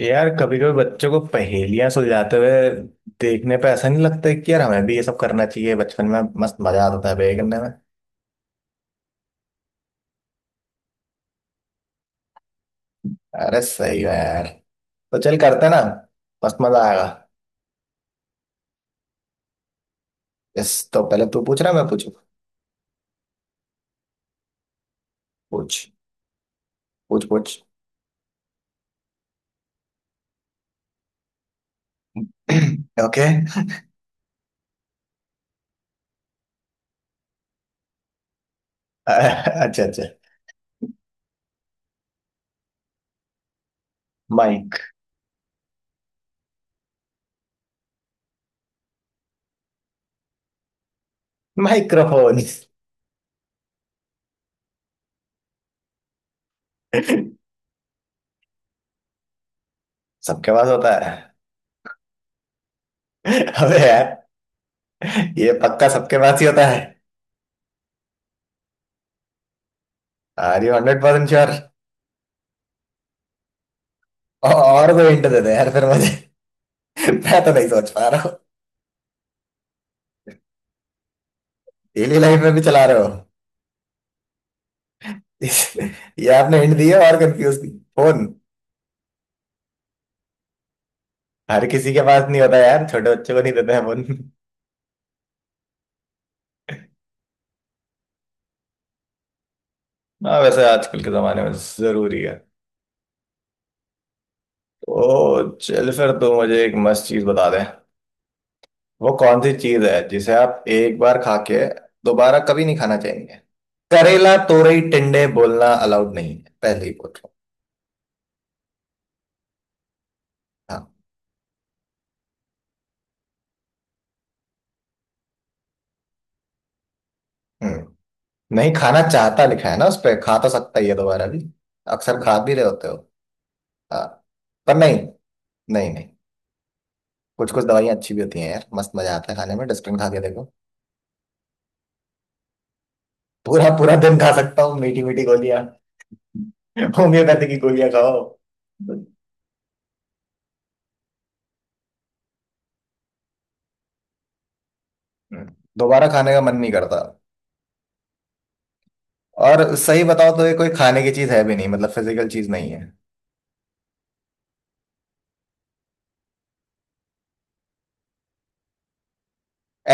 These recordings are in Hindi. यार कभी कभी बच्चों को पहेलियां सुलझाते हुए देखने पे ऐसा नहीं लगता है कि यार हमें भी ये सब करना चाहिए। बचपन में मस्त मजा आता था पहेली करने में। अरे सही है यार, तो चल करते हैं ना। मस्त मजा आएगा। इस तो पहले तू पूछ रहा है, मैं पूछू। पूछ पूछ पूछ। ओके। अच्छा अच्छा। माइक। माइक्रोफोन। सबके पास होता है। अबे यार, ये पक्का सबके पास ही होता है। Are you 100% sure? और कोई हिंट दे दे यार फिर मुझे। मैं तो नहीं सोच पा रहा हूँ। डेली लाइफ में भी चला रहे हो? इस- ये आपने हिंट दी है और कंफ्यूज की। फोन। हर किसी के पास नहीं होता यार, छोटे बच्चों को नहीं देते हैं फोन। हाँ वैसे आजकल के जमाने में जरूरी है। तो चल फिर तू मुझे एक मस्त चीज बता दे। वो कौन सी चीज है जिसे आप एक बार खा के दोबारा कभी नहीं खाना चाहेंगे? करेला, तोरई, टिंडे बोलना अलाउड नहीं है, पहले ही बोल रहा हूँ। हाँ। हम्म। नहीं खाना चाहता लिखा है ना उस पे, खा तो सकता ही है दोबारा भी। अक्सर खा भी रहे होते हो। हाँ। पर नहीं। नहीं नहीं। कुछ कुछ दवाइयाँ अच्छी भी होती हैं यार, मस्त मजा आता है खाने में। डस्टबिन खा के देखो। पूरा पूरा दिन खा सकता हूँ मीठी मीठी गोलियां। होम्योपैथी की गोलियां खाओ। दोबारा खाने का मन नहीं करता। और सही बताओ तो ये कोई खाने की चीज है भी नहीं, मतलब फिजिकल चीज नहीं है।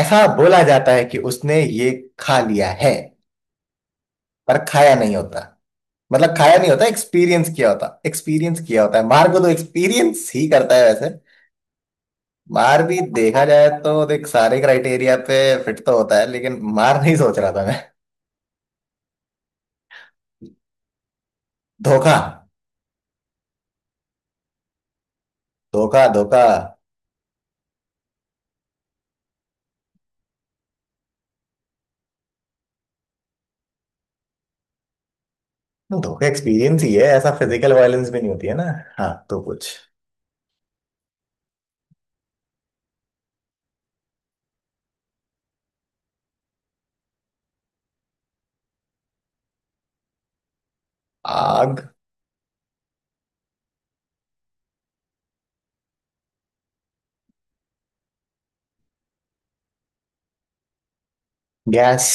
ऐसा बोला जाता है कि उसने ये खा लिया है पर खाया नहीं होता। मतलब खाया नहीं होता, एक्सपीरियंस किया होता। एक्सपीरियंस किया होता है। मार्गो तो एक्सपीरियंस ही करता है वैसे। मार भी देखा जाए तो देख, सारे क्राइटेरिया पे फिट तो होता है लेकिन मार नहीं सोच रहा था मैं। धोखा। धोखा धोखा। नहीं, धोखा एक्सपीरियंस ही है, ऐसा फिजिकल वायलेंस भी नहीं होती है ना। हाँ तो कुछ। आग। गैस।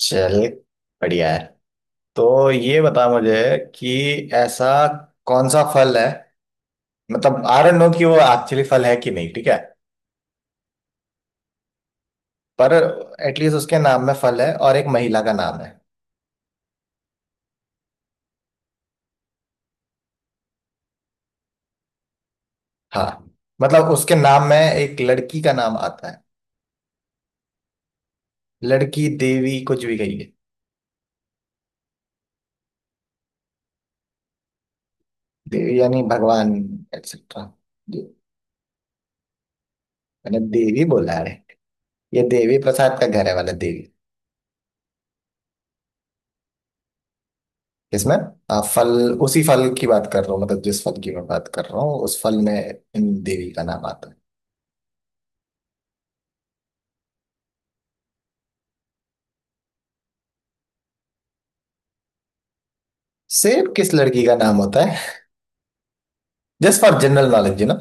चल, बढ़िया है। तो ये बता मुझे कि ऐसा कौन सा फल है, मतलब आई डोंट नो कि वो एक्चुअली फल है कि नहीं, ठीक है, पर एटलीस्ट उसके नाम में फल है और एक महिला का नाम है। हाँ मतलब उसके नाम में एक लड़की का नाम आता है। लड़की देवी कुछ भी कही है। देवी यानी भगवान एक्सेट्रा। मैंने देवी बोला है। ये देवी प्रसाद का घर है वाला देवी। इसमें। फल। उसी फल की बात कर रहा हूँ, मतलब जिस फल की मैं बात कर रहा हूँ उस फल में इन देवी का नाम आता है। सेब किस लड़की का नाम होता है? Just for general knowledge you know.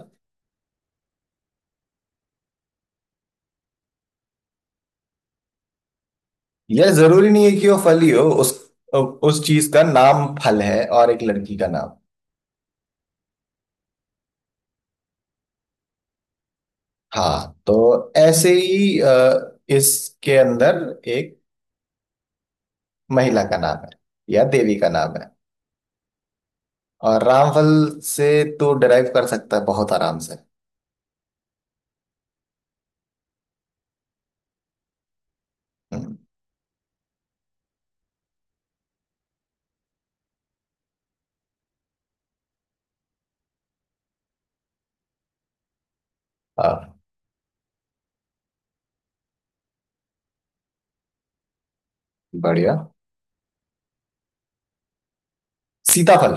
यह जरूरी नहीं है कि वो फल ही हो, उस चीज का नाम फल है और एक लड़की का नाम। हाँ तो ऐसे ही इसके अंदर एक महिला का नाम है या देवी का नाम है। और रामफल से तो डिराइव कर सकता है बहुत आराम से। हम्म। हाँ, बढ़िया। सीताफल।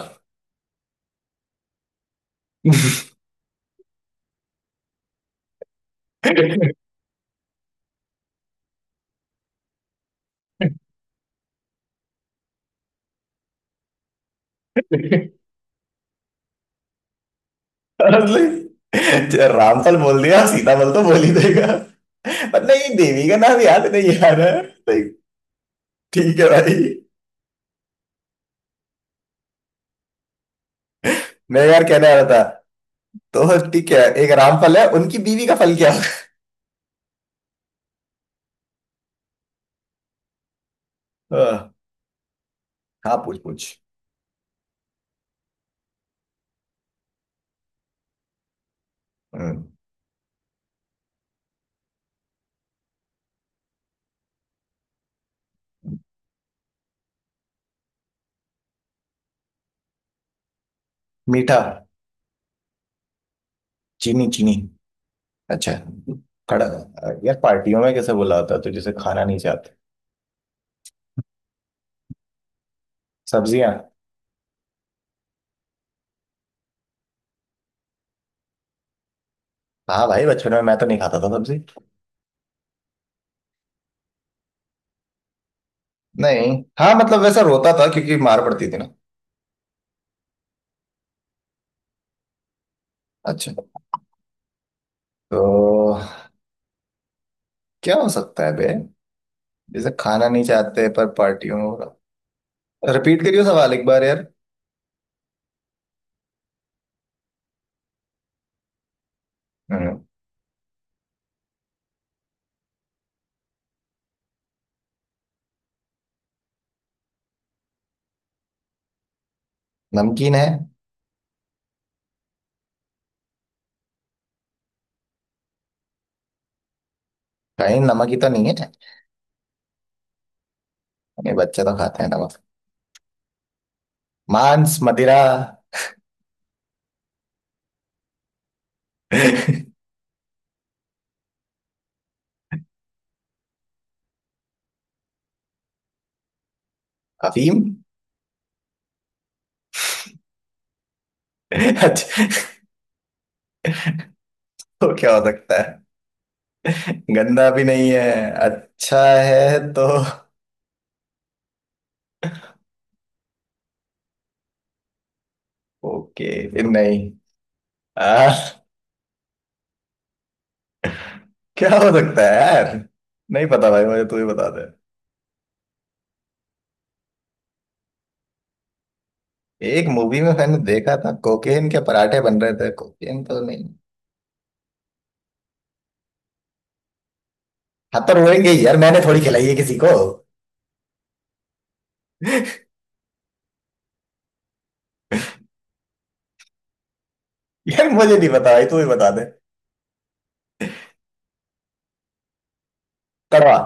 Honestly, जो रामफल बोल दिया सीताफल तो बोल ही देगा। पर नहीं, देवी का नाम याद नहीं आ रहा है। नहीं, ठीक है भाई। मैं यार कहने आ रहा था, तो ठीक है। एक रामफल है, उनकी बीवी का फल क्या होगा? हाँ पूछ पूछ। हम्म। मीठा। चीनी चीनी। अच्छा। खड़ा। यार पार्टियों में कैसे बुलाता है तुझे से खाना नहीं चाहते? सब्जियां। हाँ भाई बचपन में मैं तो नहीं खाता था सब्जी। नहीं। हाँ मतलब वैसा रोता था क्योंकि मार पड़ती थी ना। अच्छा। तो क्या हो सकता है बे, जैसे खाना नहीं चाहते पर पार्टियों में हो रहा? रिपीट करियो सवाल एक बार यार। हम्म। नमकीन है। कहीं नमक ही तो नहीं है? नहीं, बच्चे तो खाते हैं नमक। मांस मदिरा। अफीम। अच्छा। तो क्या हो सकता है, गंदा भी नहीं है अच्छा है तो। ओके फिर नहीं। आ, क्या हो सकता है यार, नहीं पता भाई मुझे, तू ही बता दे। एक मूवी में मैंने देखा था कोकेन के पराठे बन रहे थे, कोकेन तो नहीं? हाँ तो रोएंगे ही यार, मैंने थोड़ी खिलाई है किसी को। यार मुझे नहीं पता भाई, तू ही बता दे। कड़वा।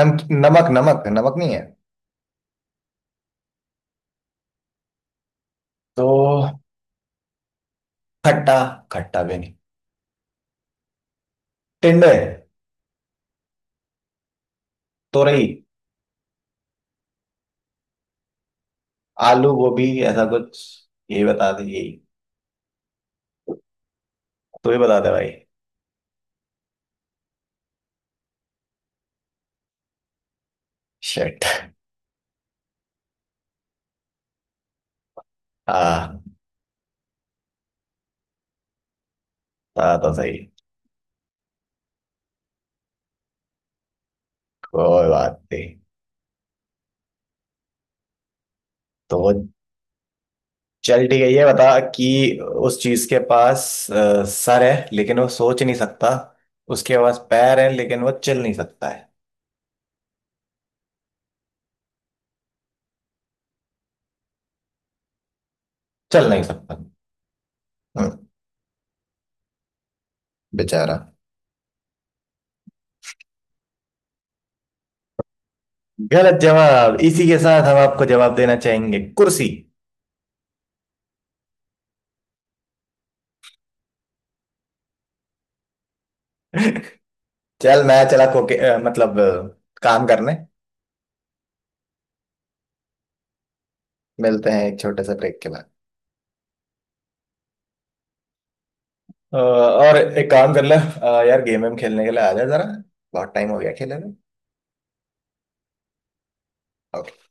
नम नमक नमक नमक नहीं है। तो खट्टा। खट्टा भी नहीं। टिंडे। तोरई। आलू गोभी ऐसा कुछ। यही बता दे यही। तू ही बता दे भाई। शिट। हाँ, था तो सही। कोई बात नहीं। तो चल ठीक है ये बता कि उस चीज के पास सर है लेकिन वो सोच नहीं सकता, उसके पास पैर है लेकिन वो चल नहीं सकता है। चल नहीं सकता। हम्म। बेचारा। गलत जवाब, इसी के साथ हम आपको जवाब देना चाहेंगे, कुर्सी। चल मैं चला खोके, मतलब काम करने। मिलते हैं एक छोटे से ब्रेक के बाद। और एक काम कर ले, यार गेम वेम खेलने के लिए आ जा जरा, बहुत टाइम हो गया खेले हुए। Okay.